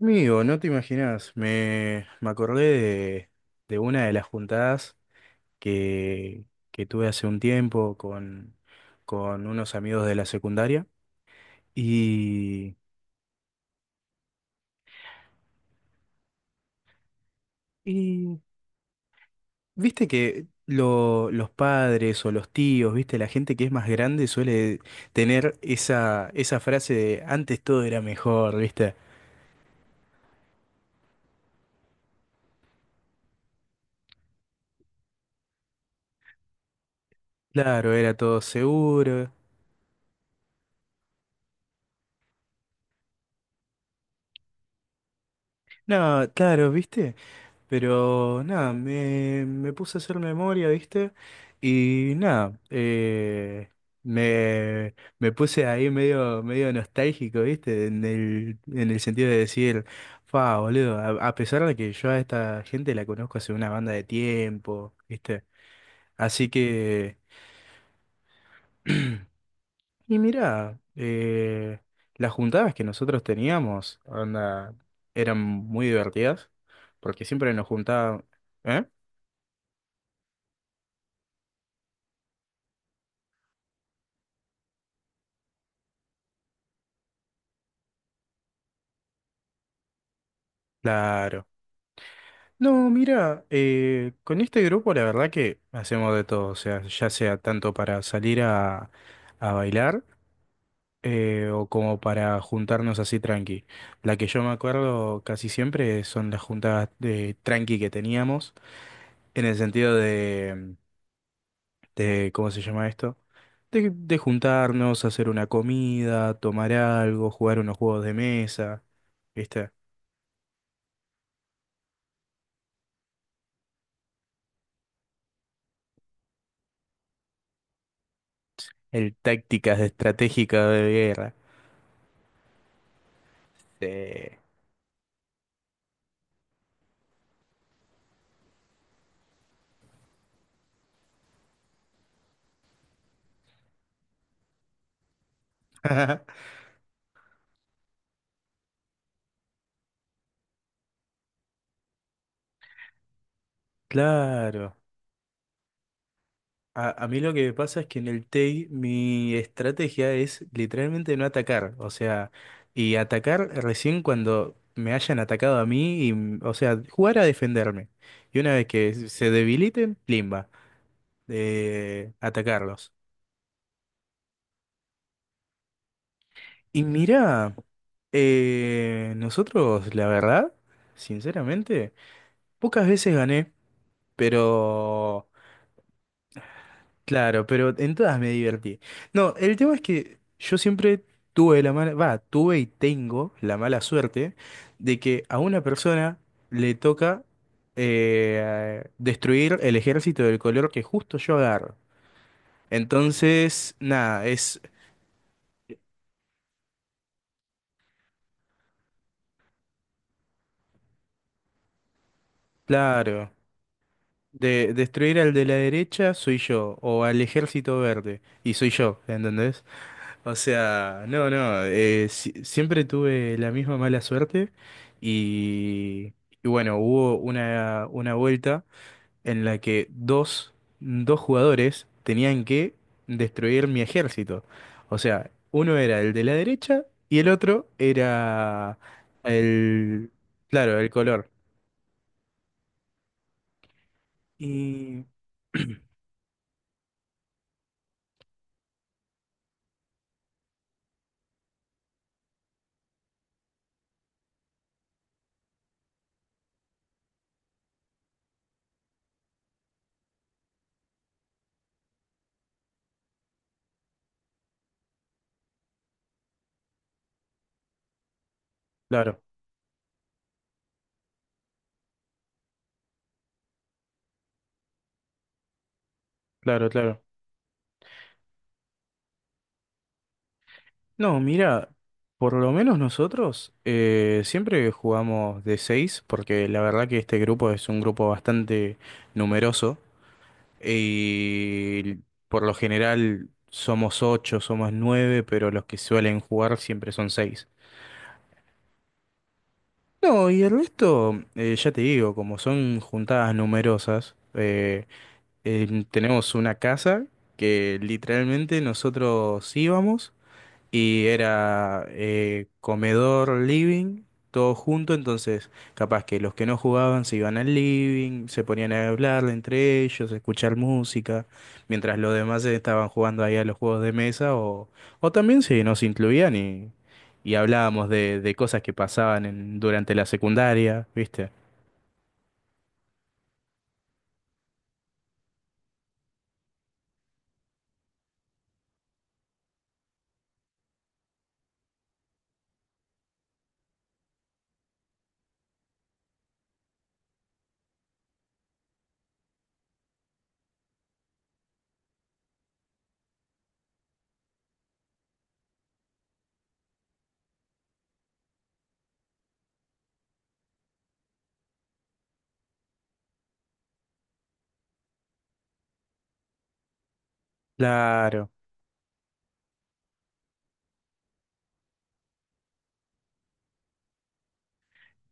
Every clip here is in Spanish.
Amigo, no te imaginas, me acordé de una de las juntadas que, que tuve hace un tiempo con unos amigos de la secundaria y, y viste que los padres o los tíos, viste, la gente que es más grande suele tener esa, esa frase de antes todo era mejor, viste. Claro, era todo seguro. No, claro, viste. Pero nada, me puse a hacer memoria, ¿viste? Y nada, me, me puse ahí medio, medio nostálgico, ¿viste? En el sentido de decir, fa, boludo, a pesar de que yo a esta gente la conozco hace una banda de tiempo, ¿viste? Así que, y mirá, las juntadas que nosotros teníamos, onda, eran muy divertidas, porque siempre nos juntaban, ¿eh? Claro. No, mira, con este grupo la verdad que hacemos de todo, o sea, ya sea tanto para salir a bailar o como para juntarnos así tranqui. La que yo me acuerdo casi siempre son las juntadas de tranqui que teníamos, en el sentido de ¿cómo se llama esto? De juntarnos, hacer una comida, tomar algo, jugar unos juegos de mesa, ¿viste? El tácticas de estratégica de guerra. Sí. Claro. A mí lo que me pasa es que en el TEI mi estrategia es literalmente no atacar, o sea, y atacar recién cuando me hayan atacado a mí, y, o sea, jugar a defenderme. Y una vez que se debiliten, limba, atacarlos. Y mira, nosotros, la verdad, sinceramente, pocas veces gané, pero... Claro, pero en todas me divertí. No, el tema es que yo siempre tuve la mala, va, tuve y tengo la mala suerte de que a una persona le toca destruir el ejército del color que justo yo agarro. Entonces, nada, es claro. De destruir al de la derecha soy yo, o al ejército verde, y soy yo, ¿entendés? O sea, no, no, siempre tuve la misma mala suerte y, y bueno, hubo una vuelta en la que dos, dos jugadores tenían que destruir mi ejército. O sea, uno era el de la derecha y el otro era el, claro, el color. Y claro, claro, claro. No, mira, por lo menos nosotros siempre jugamos de 6, porque la verdad que este grupo es un grupo bastante numeroso y por lo general somos 8, somos 9, pero los que suelen jugar siempre son 6. No, y el resto, ya te digo, como son juntadas numerosas, tenemos una casa que literalmente nosotros íbamos. Y era comedor, living, todo junto, entonces capaz que los que no jugaban se iban al living, se ponían a hablar entre ellos, a escuchar música, mientras los demás estaban jugando ahí a los juegos de mesa o también si nos incluían y hablábamos de cosas que pasaban en- durante la secundaria, ¿viste? Claro,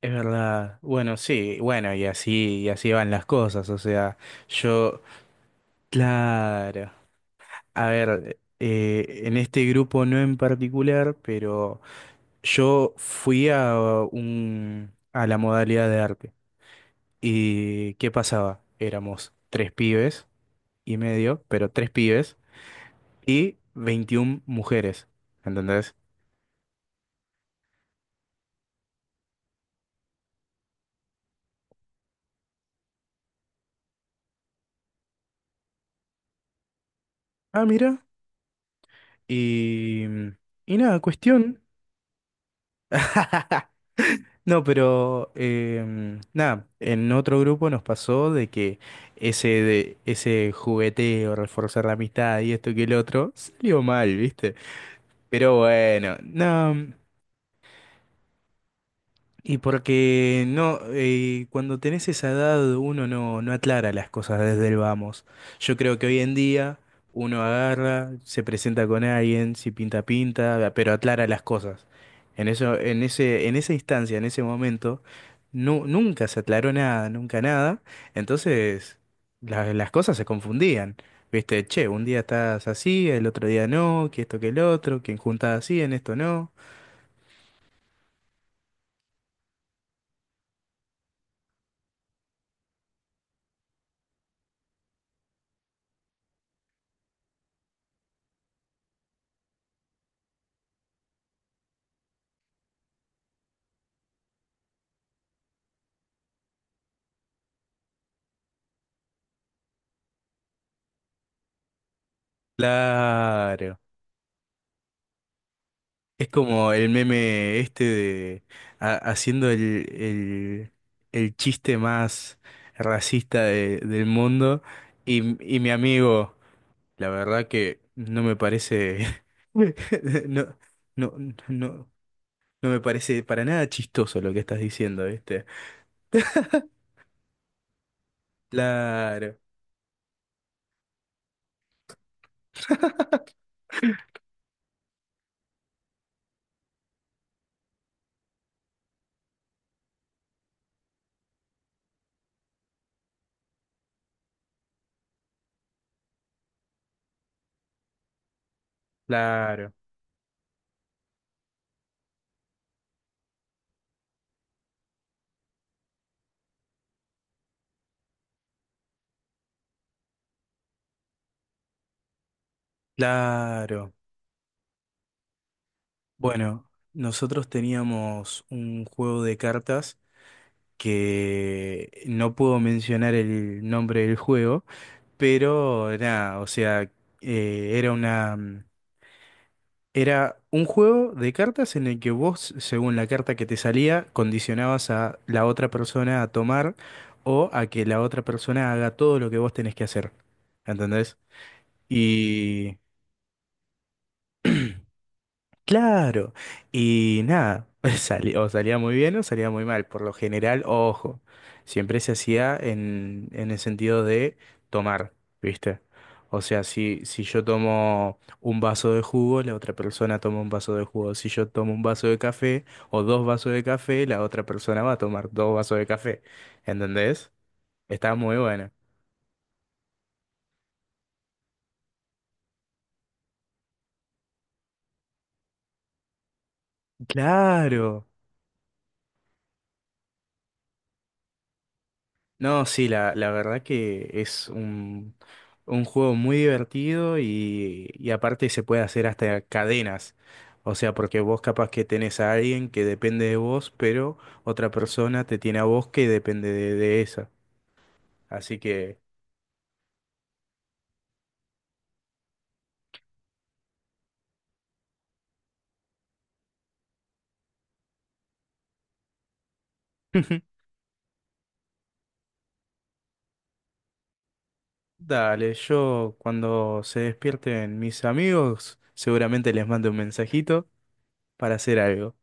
es verdad. Bueno, sí, bueno, y así van las cosas, o sea, yo, claro. A ver, en este grupo no en particular, pero yo fui a un, a la modalidad de arte. ¿Y qué pasaba? Éramos tres pibes y medio, pero tres pibes y 21 mujeres. ¿Entendés? Ah, mira. Y, y nada, cuestión. No, pero nada, en otro grupo nos pasó de que ese, de, ese jugueteo, reforzar la amistad y esto que el otro, salió mal, ¿viste? Pero bueno, no. Y porque no, cuando tenés esa edad uno no, no aclara las cosas desde el vamos. Yo creo que hoy en día uno agarra, se presenta con alguien, si pinta, pinta, pero aclara las cosas. En eso, en ese, en esa instancia, en ese momento, nunca se aclaró nada, nunca nada. Entonces, las cosas se confundían. Viste, che, un día estás así, el otro día no, que esto que el otro, que en juntada así, en esto no. Claro. Es como el meme este de haciendo el chiste más racista del mundo y mi amigo, la verdad que no me parece, no, no, no, no me parece para nada chistoso lo que estás diciendo, ¿viste? Claro, claro, claro. Bueno, nosotros teníamos un juego de cartas que no puedo mencionar el nombre del juego, pero nada, o sea, era una, era un juego de cartas en el que vos, según la carta que te salía, condicionabas a la otra persona a tomar o a que la otra persona haga todo lo que vos tenés que hacer. ¿Entendés? Y claro. Y nada, salía, o salía muy bien o salía muy mal. Por lo general, ojo, siempre se hacía en el sentido de tomar, ¿viste? O sea, si, si yo tomo un vaso de jugo, la otra persona toma un vaso de jugo. Si yo tomo un vaso de café o dos vasos de café, la otra persona va a tomar dos vasos de café. ¿Entendés? Está muy bueno. Claro. No, sí, la verdad que es un juego muy divertido y aparte se puede hacer hasta cadenas. O sea, porque vos capaz que tenés a alguien que depende de vos, pero otra persona te tiene a vos que depende de esa. Así que, dale, yo cuando se despierten mis amigos, seguramente les mando un mensajito para hacer algo.